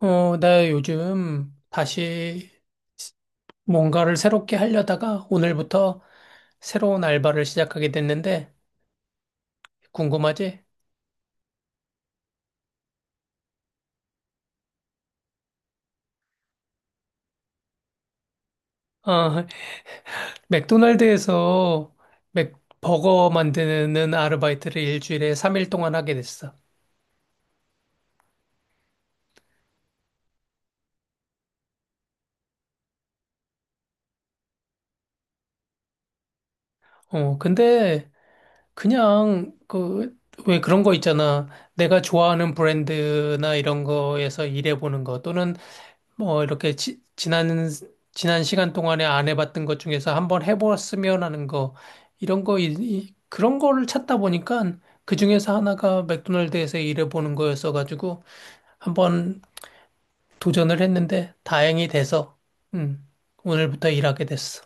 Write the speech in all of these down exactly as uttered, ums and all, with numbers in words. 어, 나 요즘 다시 뭔가를 새롭게 하려다가 오늘부터 새로운 알바를 시작하게 됐는데, 궁금하지? 어, 맥도날드에서 맥, 버거 만드는 아르바이트를 일주일에 삼 일 동안 하게 됐어. 어, 근데 그냥 그, 왜 그런 거 있잖아. 내가 좋아하는 브랜드나 이런 거에서 일해보는 거 또는 뭐 이렇게 지, 지난 지난 시간 동안에 안 해봤던 것 중에서 한번 해보았으면 하는 거 이런 거 이- 이- 그런 거를 찾다 보니까 그 중에서 하나가 맥도날드에서 일해보는 거였어가지고 한번 도전을 했는데 다행히 돼서 음, 오늘부터 일하게 됐어.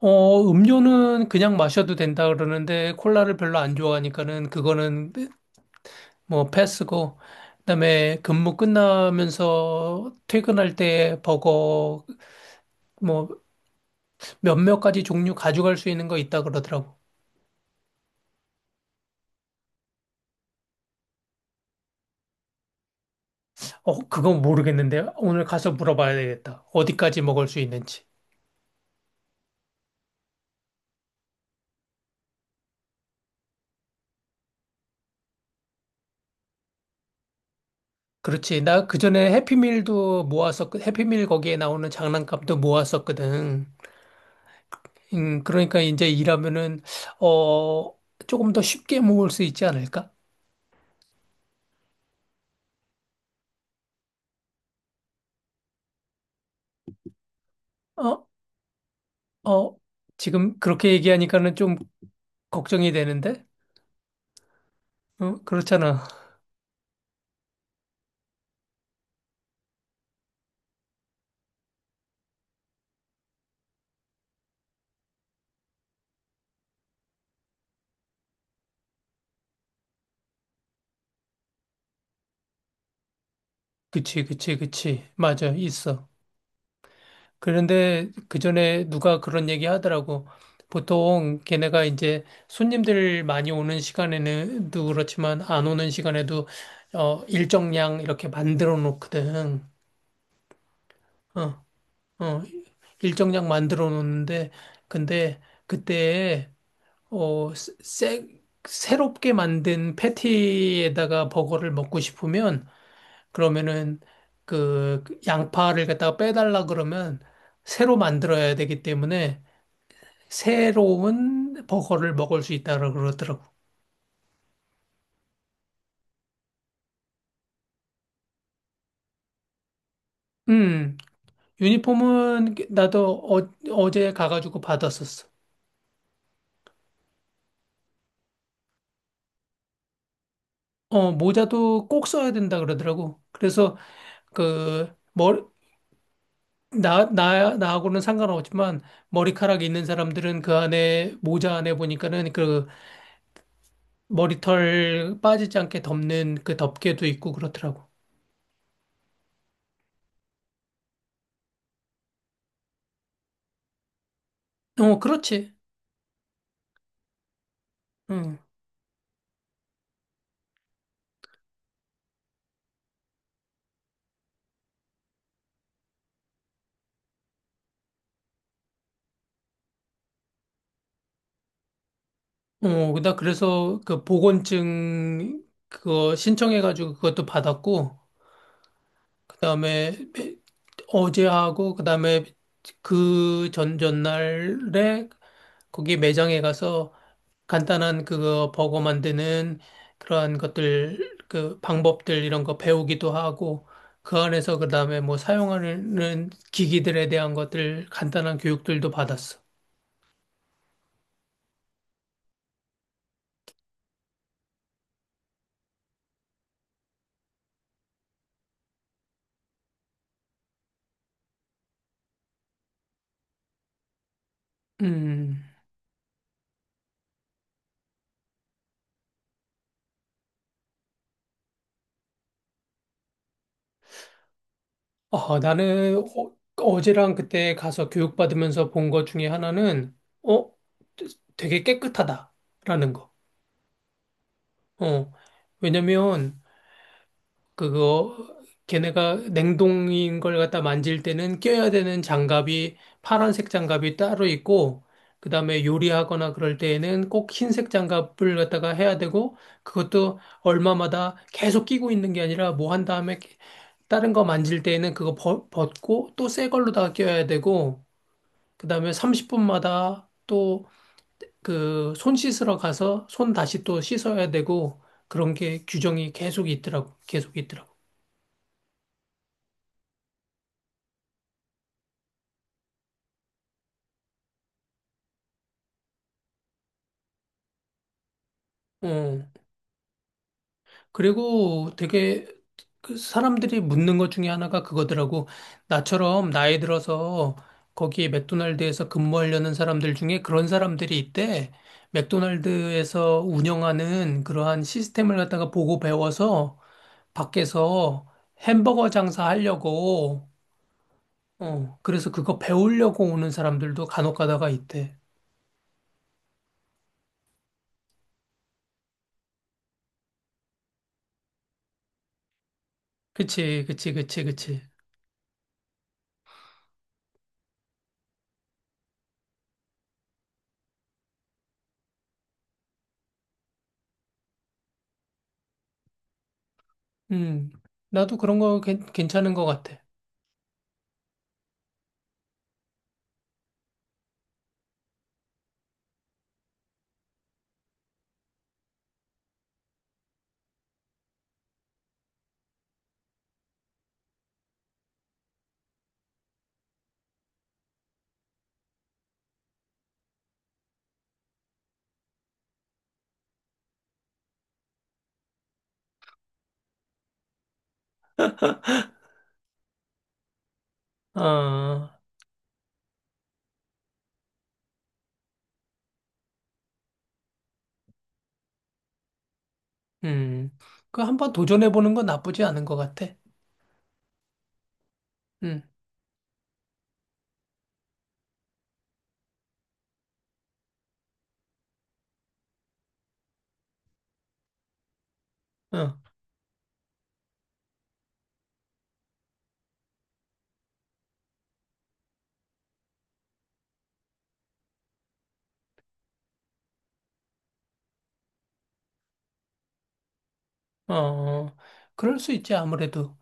어, 음료는 그냥 마셔도 된다 그러는데 콜라를 별로 안 좋아하니까는 그거는 뭐 패스고, 그다음에 근무 끝나면서 퇴근할 때 버거 뭐 몇몇 가지 종류 가져갈 수 있는 거 있다 그러더라고. 어, 그건 모르겠는데 오늘 가서 물어봐야 되겠다. 어디까지 먹을 수 있는지. 그렇지. 나 그전에 해피밀도 모았었, 해피밀 거기에 나오는 장난감도 모았었거든. 음, 그러니까 이제 일하면은, 어, 조금 더 쉽게 모을 수 있지 않을까? 어, 어, 지금 그렇게 얘기하니까는 좀 걱정이 되는데? 어, 그렇잖아. 그치, 그치, 그치. 맞아, 있어. 그런데 그 전에 누가 그런 얘기 하더라고. 보통 걔네가 이제 손님들 많이 오는 시간에는도 그렇지만 안 오는 시간에도 어, 일정량 이렇게 만들어 놓거든. 어, 어, 일정량 만들어 놓는데 근데 그때 어, 새, 새롭게 만든 패티에다가 버거를 먹고 싶으면 그러면은 그 양파를 갖다가 빼달라 그러면 새로 만들어야 되기 때문에 새로운 버거를 먹을 수 있다고 그러더라고. 음, 유니폼은 나도 어, 어제 가가지고 받았었어. 어, 모자도 꼭 써야 된다 그러더라고. 그래서 그, 머리, 나, 나, 나하고는 상관없지만 머리카락 이 있는 사람들은 그 안에, 모자 안에 보니까는 그 머리털 빠지지 않게 덮는 그 덮개도 있고 그렇더라고. 어, 그렇지. 응. 어, 나 그래서 그 보건증 그거 신청해가지고 그것도 받았고, 그다음에 어제 하고, 그다음에 그 전 전날에 거기 매장에 가서 간단한 그거 버거 만드는 그러한 것들, 그 방법들 이런 거 배우기도 하고, 그 안에서 그다음에 뭐 사용하는 기기들에 대한 것들 간단한 교육들도 받았어. 음. 아, 나는 어, 어제랑 그때 가서 교육받으면서 본 것 중에 하나는, 어, 되게 깨끗하다라는 거. 어, 왜냐면 그거 걔네가 냉동인 걸 갖다 만질 때는 껴야 되는 장갑이 파란색 장갑이 따로 있고 그다음에 요리하거나 그럴 때에는 꼭 흰색 장갑을 갖다가 해야 되고 그것도 얼마마다 계속 끼고 있는 게 아니라 뭐 한 다음에 다른 거 만질 때에는 그거 벗- 벗고 또 새 걸로다가 껴야 되고 그다음에 삼십 분마다 또 그 손 씻으러 가서 손 다시 또 씻어야 되고 그런 게 규정이 계속 있더라고. 계속 있더라고. 어. 그리고 되게 그 사람들이 묻는 것 중에 하나가 그거더라고. 나처럼 나이 들어서 거기에 맥도날드에서 근무하려는 사람들 중에 그런 사람들이 있대. 맥도날드에서 운영하는 그러한 시스템을 갖다가 보고 배워서 밖에서 햄버거 장사하려고, 어, 그래서 그거 배우려고 오는 사람들도 간혹 가다가 있대. 그치, 그치, 그치, 그치. 음, 나도 그런 거 괜- 괜찮은 것 같아. 아. 음, 그 한번 도전해보는 건 나쁘지 않은 것 같아. 음, 어, 어, 어. 그럴 수 있지, 아무래도.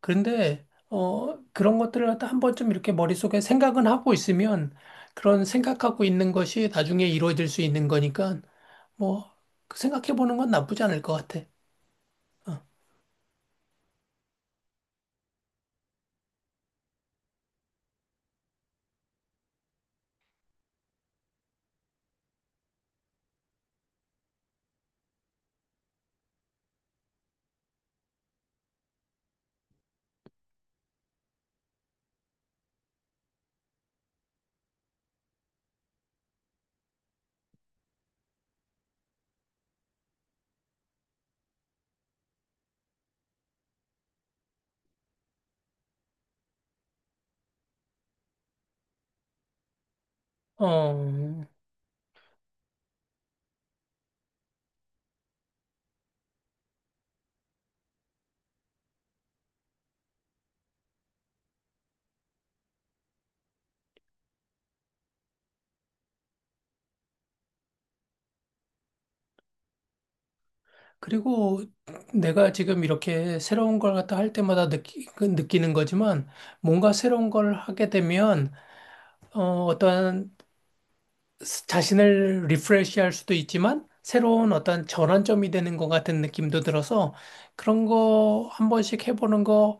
그런데, 어, 그런 것들을 갖다 한 번쯤 이렇게 머릿속에 생각은 하고 있으면 그런 생각하고 있는 것이 나중에 이루어질 수 있는 거니까, 뭐, 그 생각해보는 건 나쁘지 않을 것 같아. 어, 어, 그리고 내가 지금 이렇게 새로운 걸 갖다 할 때마다 느끼, 그 느끼는 거지만 뭔가 새로운 걸 하게 되면 어, 어떠한 자신을 리프레시할 수도 있지만 새로운 어떤 전환점이 되는 것 같은 느낌도 들어서 그런 거 한 번씩 해보는 거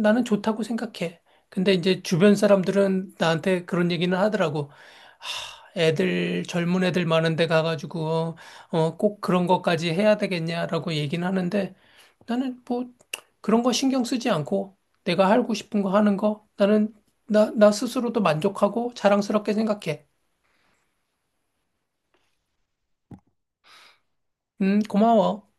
나는 좋다고 생각해. 근데 이제 주변 사람들은 나한테 그런 얘기는 하더라고. 하, 애들 젊은 애들 많은 데 가가지고 어, 꼭 그런 것까지 해야 되겠냐라고 얘기는 하는데 나는 뭐 그런 거 신경 쓰지 않고 내가 하고 싶은 거 하는 거 나는 나, 나 스스로도 만족하고 자랑스럽게 생각해. 음, 고마워.